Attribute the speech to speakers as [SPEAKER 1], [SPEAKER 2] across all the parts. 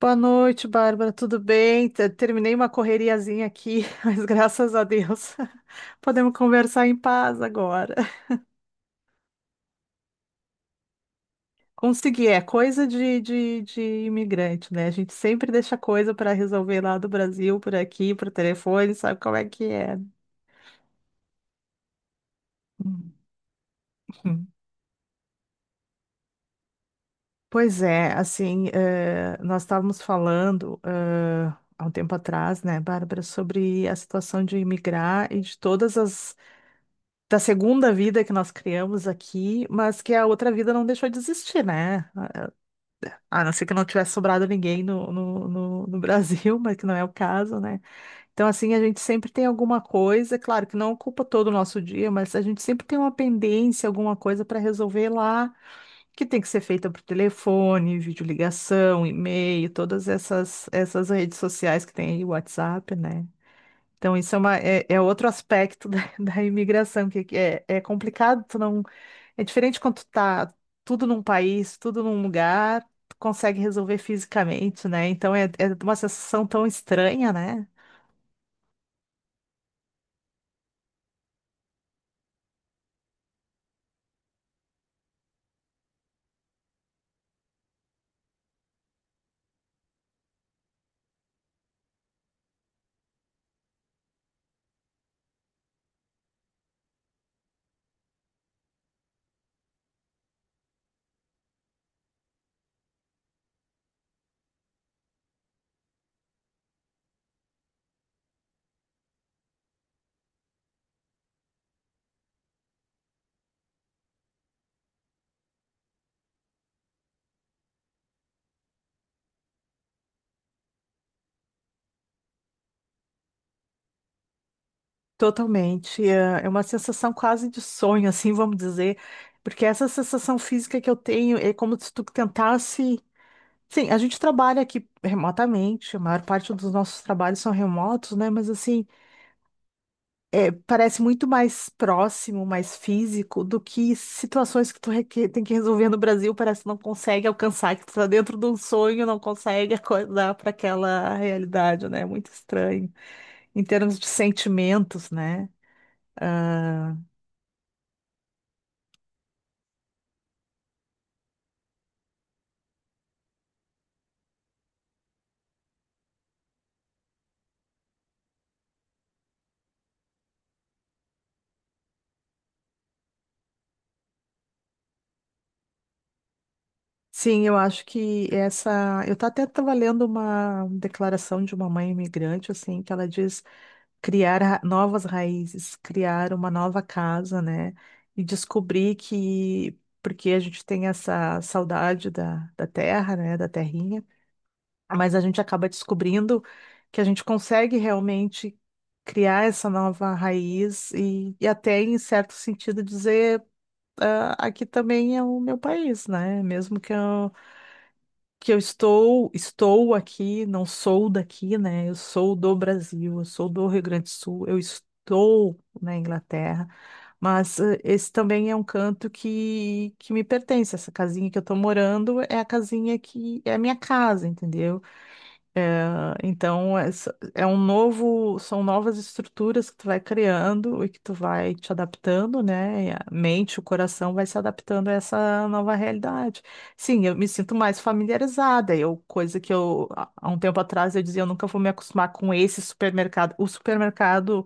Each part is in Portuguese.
[SPEAKER 1] Boa noite, Bárbara. Tudo bem? Terminei uma correriazinha aqui, mas graças a Deus podemos conversar em paz agora. Consegui, é coisa de imigrante, né? A gente sempre deixa coisa para resolver lá do Brasil, por aqui, por telefone, sabe como é que é. Uhum. Pois é, assim, nós estávamos falando, há um tempo atrás, né, Bárbara, sobre a situação de imigrar e de todas as da segunda vida que nós criamos aqui, mas que a outra vida não deixou de existir, né? A não ser que não tivesse sobrado ninguém no Brasil, mas que não é o caso, né? Então, assim, a gente sempre tem alguma coisa, claro que não ocupa todo o nosso dia, mas a gente sempre tem uma pendência, alguma coisa para resolver lá, que tem que ser feita por telefone, videoligação, e-mail, todas essas redes sociais que tem aí, WhatsApp, né? Então, isso é, uma, é outro aspecto da, da imigração, que é, é complicado tu não é diferente quando tu tá tudo num país, tudo num lugar, tu consegue resolver fisicamente, né? Então é, é uma sensação tão estranha, né? Totalmente. É uma sensação quase de sonho, assim, vamos dizer. Porque essa sensação física que eu tenho é como se tu tentasse. Sim, a gente trabalha aqui remotamente, a maior parte dos nossos trabalhos são remotos, né? Mas assim. Parece muito mais próximo, mais físico do que situações que tu tem que resolver no Brasil, parece que não consegue alcançar, que tu tá dentro de um sonho, não consegue acordar para aquela realidade, né? É muito estranho. Em termos de sentimentos, né? Ah, Sim, eu acho que essa. Eu até estava lendo uma declaração de uma mãe imigrante, assim, que ela diz. Criar novas raízes, criar uma nova casa, né? E descobrir que, porque a gente tem essa saudade da, da terra, né? Da terrinha, mas a gente acaba descobrindo que a gente consegue realmente criar essa nova raiz e até, em certo sentido, dizer, ah, aqui também é o meu país, né? Mesmo que eu estou, estou aqui, não sou daqui, né? Eu sou do Brasil, eu sou do Rio Grande do Sul, eu estou na Inglaterra, mas esse também é um canto que me pertence. Essa casinha que eu estou morando é a casinha que é a minha casa, entendeu? Então, é, é um novo, são novas estruturas que tu vai criando e que tu vai te adaptando, né? E a mente, o coração vai se adaptando a essa nova realidade. Sim, eu me sinto mais familiarizada. Eu, coisa que eu, há um tempo atrás, eu dizia, eu nunca vou me acostumar com esse supermercado. O supermercado,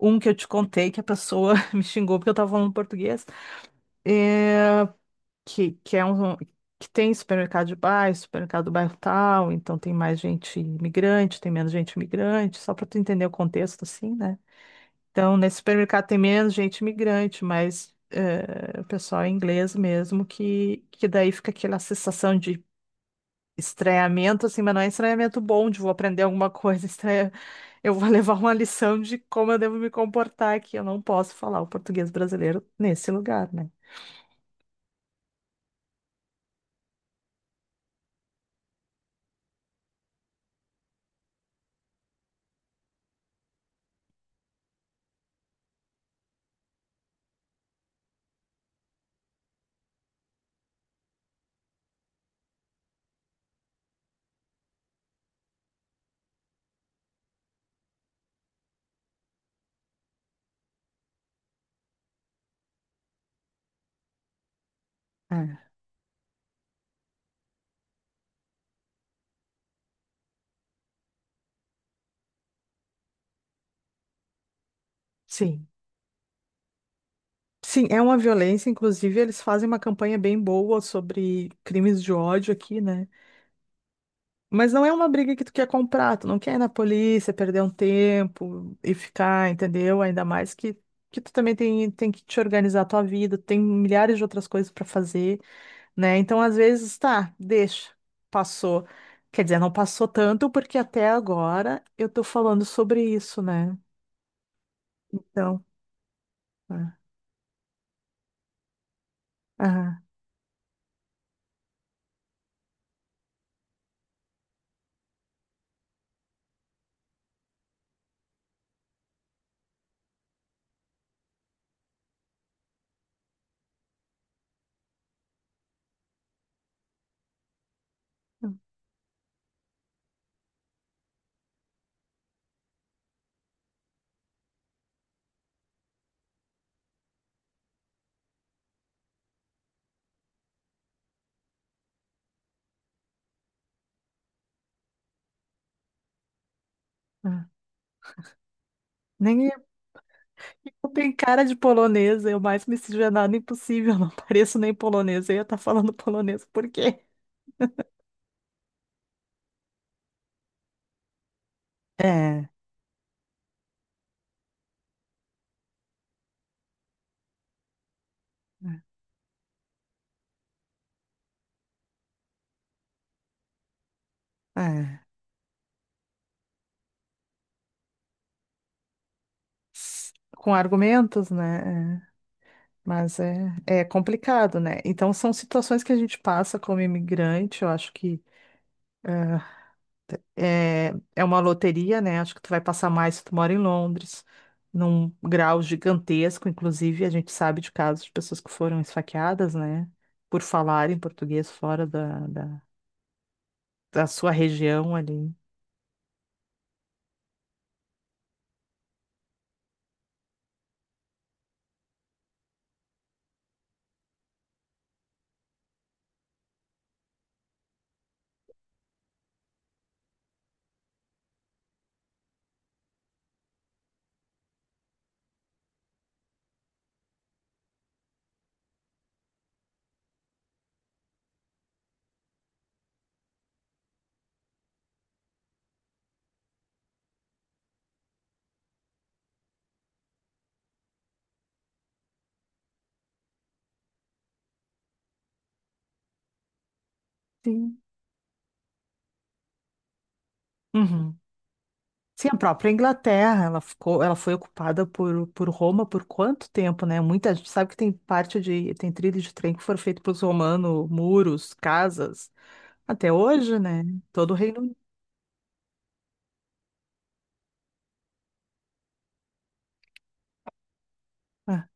[SPEAKER 1] um que eu te contei, que a pessoa me xingou porque eu estava falando português. eh, que é um que tem supermercado de bairro, supermercado do bairro tal, então tem mais gente imigrante, tem menos gente imigrante, só para tu entender o contexto assim, né? Então, nesse supermercado tem menos gente imigrante, mas o pessoal é inglês mesmo, que daí fica aquela sensação de estranhamento, assim, mas não é estranhamento bom de vou aprender alguma coisa, estranha, eu vou levar uma lição de como eu devo me comportar aqui, eu não posso falar o português brasileiro nesse lugar, né? É. Sim. Sim, é uma violência, inclusive eles fazem uma campanha bem boa sobre crimes de ódio aqui, né? Mas não é uma briga que tu quer comprar, tu não quer ir na polícia, perder um tempo e ficar, entendeu? Ainda mais que tu também tem, tem que te organizar a tua vida, tem milhares de outras coisas pra fazer, né? Então, às vezes, tá, deixa, passou. Quer dizer, não passou tanto porque até agora eu tô falando sobre isso, né? Então, ah, ah, ah. Nem eu tenho cara de polonesa, eu mais miscigenada impossível, não pareço nem polonesa, eu ia estar falando polonês, por quê? É, é. Com argumentos, né? É. Mas é complicado, né? Então, são situações que a gente passa como imigrante, eu acho que é uma loteria, né? Acho que tu vai passar mais se tu mora em Londres, num grau gigantesco, inclusive, a gente sabe de casos de pessoas que foram esfaqueadas, né? Por falarem português fora da da sua região ali. Sim. Uhum. Sim, a própria Inglaterra, ela ficou, ela foi ocupada por Roma por quanto tempo, né? Muita gente sabe que tem parte de, tem trilho de trem que foram feito pelos romanos, muros, casas, até hoje, né? Todo o Reino Unido. Ah,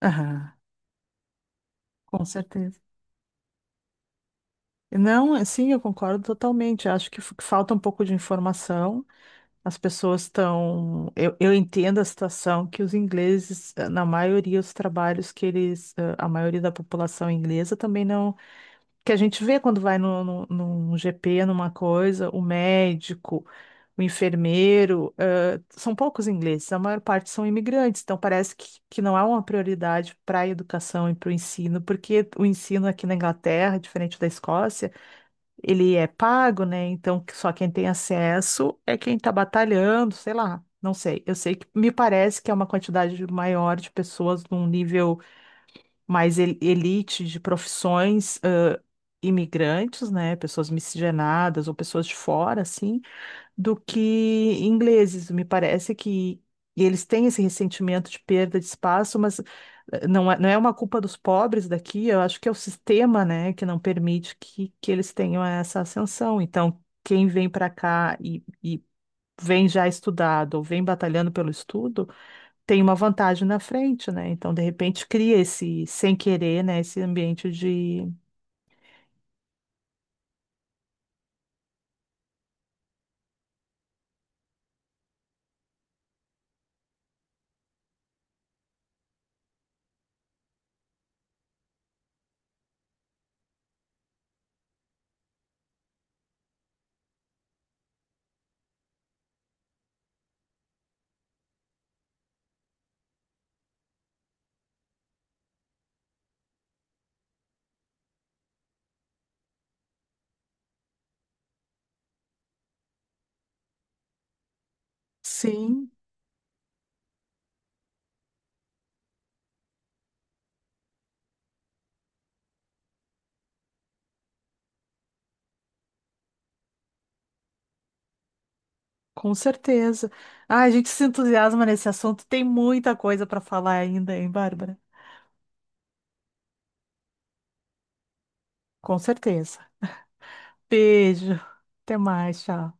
[SPEAKER 1] aham, com certeza. Não, sim, eu concordo totalmente. Acho que falta um pouco de informação. As pessoas estão. Eu entendo a situação que os ingleses, na maioria, os trabalhos que eles. A maioria da população inglesa também não. Que a gente vê quando vai no, no, num GP, numa coisa, o médico, o enfermeiro, são poucos ingleses, a maior parte são imigrantes. Então parece que não há uma prioridade para a educação e para o ensino, porque o ensino aqui na Inglaterra, diferente da Escócia ele é pago, né? Então, que- só quem tem acesso é quem está batalhando, sei lá, não sei. Eu sei que me parece que é uma quantidade maior de pessoas num nível mais elite de profissões, imigrantes, né? Pessoas miscigenadas ou pessoas de fora, assim do que ingleses. Me parece que eles têm esse ressentimento de perda de espaço, mas não é, não é uma culpa dos pobres daqui, eu acho que é o sistema, né, que não permite que eles tenham essa ascensão. Então, quem vem para cá e vem já estudado ou vem batalhando pelo estudo, tem uma vantagem na frente, né? Então, de repente, cria esse, sem querer, né, esse ambiente de. Sim. Com certeza. Ah, a gente se entusiasma nesse assunto. Tem muita coisa para falar ainda, hein, Bárbara? Com certeza. Beijo. Até mais, tchau.